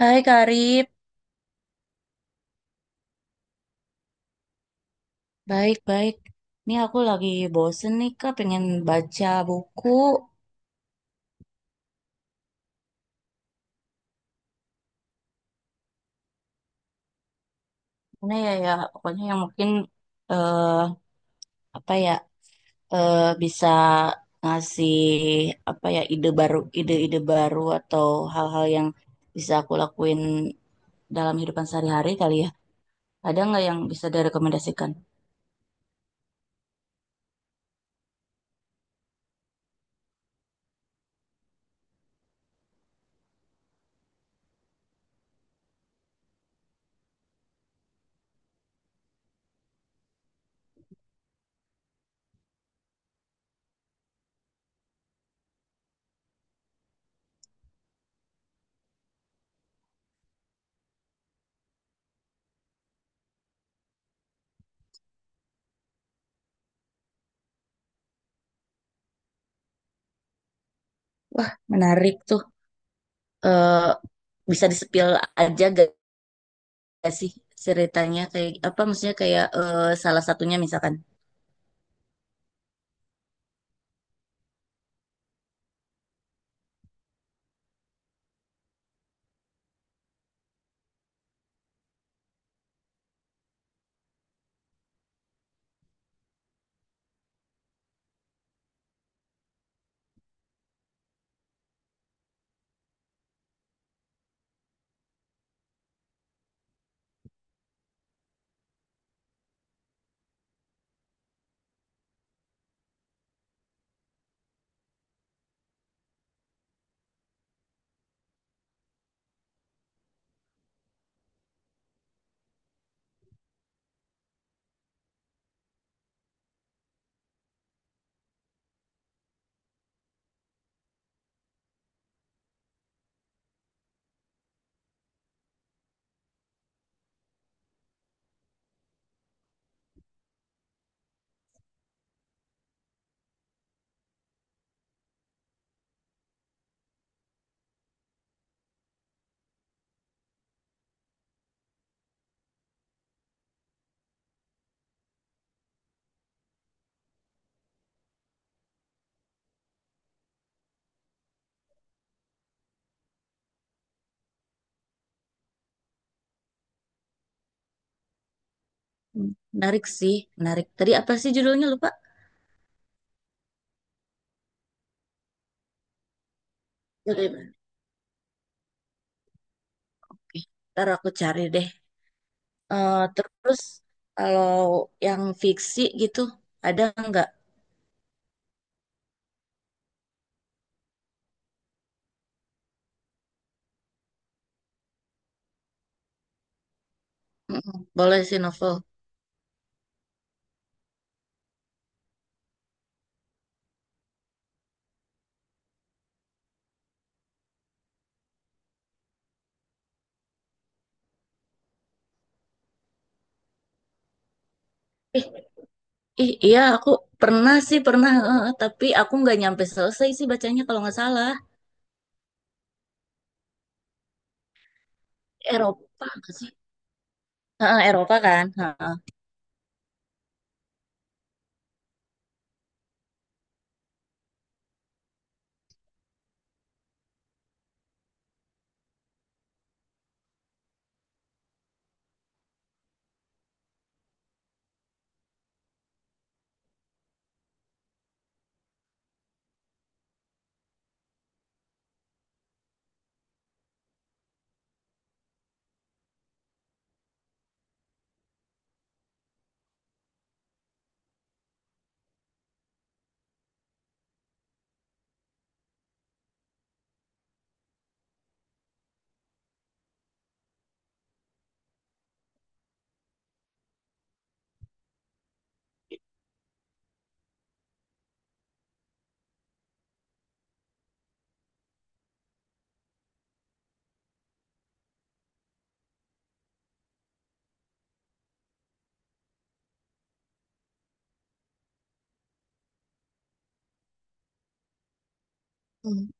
Hai Karib, baik-baik. Nih aku lagi bosen nih Kak, pengen baca buku. Mana ya ya, pokoknya yang mungkin eh apa ya bisa ngasih apa ya ide baru, ide-ide baru atau hal-hal yang bisa aku lakuin dalam kehidupan sehari-hari kali ya. Ada nggak yang bisa direkomendasikan? Menarik tuh. Eh Bisa disepil aja gak sih ceritanya kayak apa maksudnya kayak salah satunya misalkan. Hmm, menarik sih, menarik. Tadi apa sih judulnya lupa? Jadi, Mbak, oke, ntar aku cari deh. Terus kalau yang fiksi gitu ada nggak? Mm-mm, boleh sih novel. Ih, ih, iya aku pernah sih pernah, tapi aku nggak nyampe selesai sih bacanya kalau nggak salah. Eropa nggak sih? Eropa kan? Heeh. Hmm.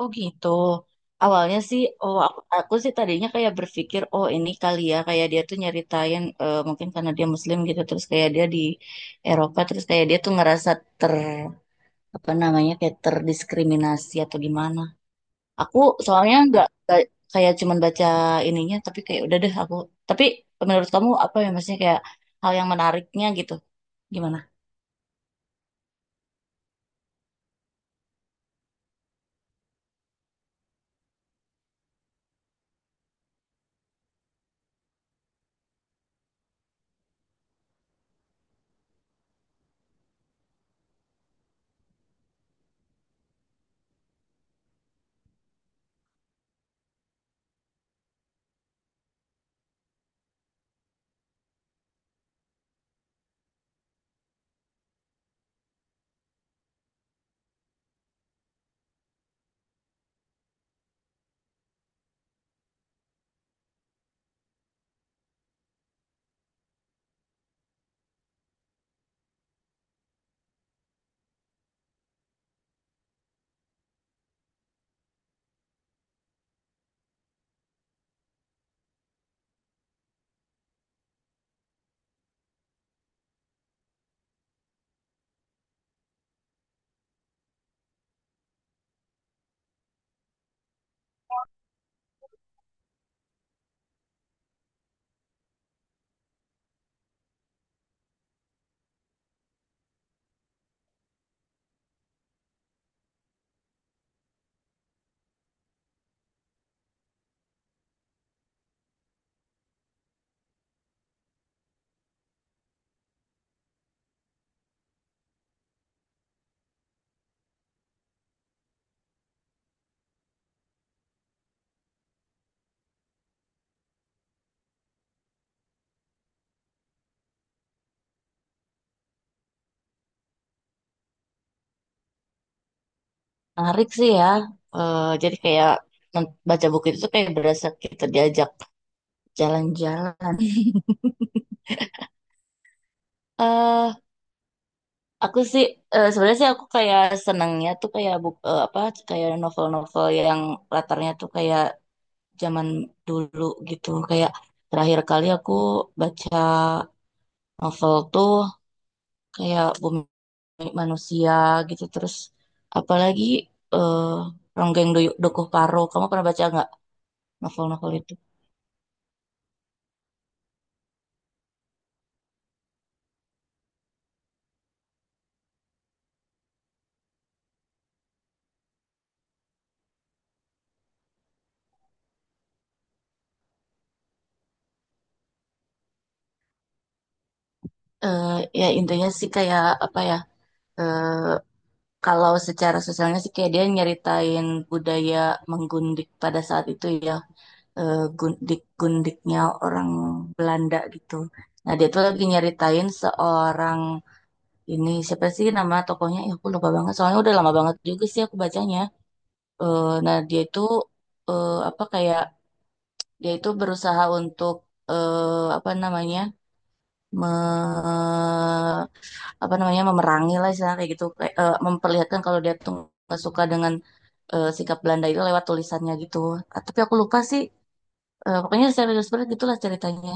Oh gitu. Awalnya sih, oh aku sih tadinya kayak berpikir, oh ini kali ya, kayak dia tuh nyeritain mungkin karena dia Muslim gitu, terus kayak dia di Eropa, terus kayak dia tuh ngerasa ter apa namanya kayak terdiskriminasi atau gimana. Aku soalnya nggak kayak cuman baca ininya, tapi kayak udah deh aku. Tapi menurut kamu apa ya maksudnya kayak hal yang menariknya gitu? Gimana? Menarik sih ya. Eh, jadi kayak baca buku itu tuh kayak berasa kita diajak jalan-jalan. eh aku sih sebenarnya sih aku kayak senangnya tuh kayak apa kayak novel-novel yang latarnya tuh kayak zaman dulu gitu. Kayak terakhir kali aku baca novel tuh kayak Bumi Manusia gitu terus apalagi eh Ronggeng Dukuh Paro. Kamu pernah baca nggak novel-novel itu? Eh Ya intinya sih kayak apa ya? Kalau secara sosialnya sih kayak dia nyeritain budaya menggundik pada saat itu ya, gundik-gundiknya orang Belanda gitu. Nah dia tuh lagi nyeritain seorang ini siapa sih nama tokohnya? Ya, aku lupa banget. Soalnya udah lama banget juga sih aku bacanya. Eh, nah dia itu apa kayak dia itu berusaha untuk apa namanya me apa namanya memerangi lah istilahnya kayak gitu kayak memperlihatkan kalau dia tuh nggak suka dengan sikap Belanda itu lewat tulisannya gitu. Ah, tapi aku lupa sih pokoknya serius banget gitulah ceritanya.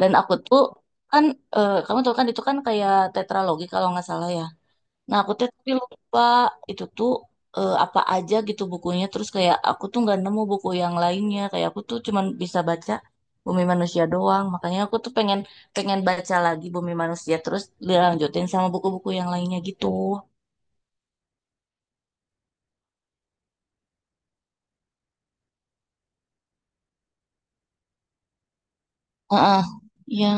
Dan aku tuh kan kamu tahu kan itu kan kayak tetralogi kalau nggak salah ya. Nah, aku tuh tapi lupa itu tuh apa aja gitu bukunya. Terus kayak aku tuh nggak nemu buku yang lainnya. Kayak aku tuh cuman bisa baca Bumi Manusia doang. Makanya aku tuh pengen pengen baca lagi Bumi Manusia. Terus dilanjutin sama buku-buku yang lainnya gitu. Heeh. Iya.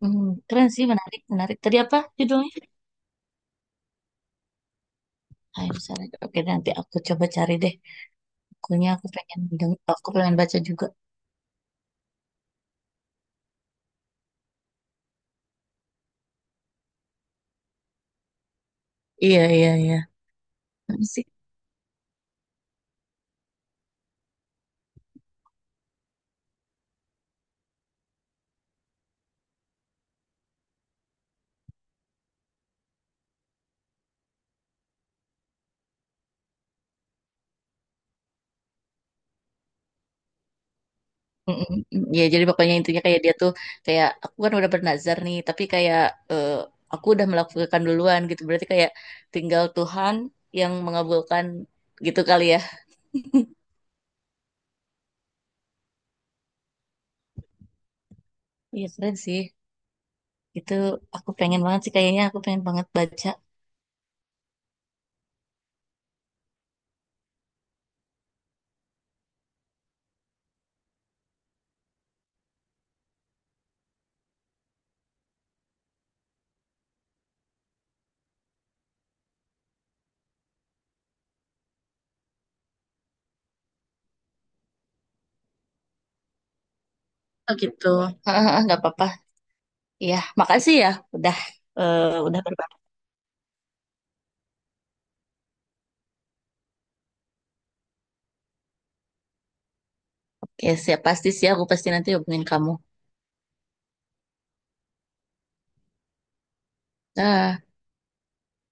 Hmm, keren sih, menarik, menarik. Tadi apa judulnya? Hai, Sarah. Oke, nanti aku coba cari deh. Bukunya aku pengen baca juga. Iya, iya, iya. Apa sih? Mm-mm. Ya, jadi pokoknya intinya kayak dia tuh kayak aku kan udah bernazar nih, tapi kayak eh, aku udah melakukan duluan gitu. Berarti kayak tinggal Tuhan yang mengabulkan gitu kali ya. Iya keren sih. Itu aku pengen banget sih kayaknya aku pengen banget baca. Oh gitu. Nggak apa-apa. Iya, makasih ya udah eh, udah berbagi. Ya siap pasti sih aku pasti nanti hubungin kamu. Dah.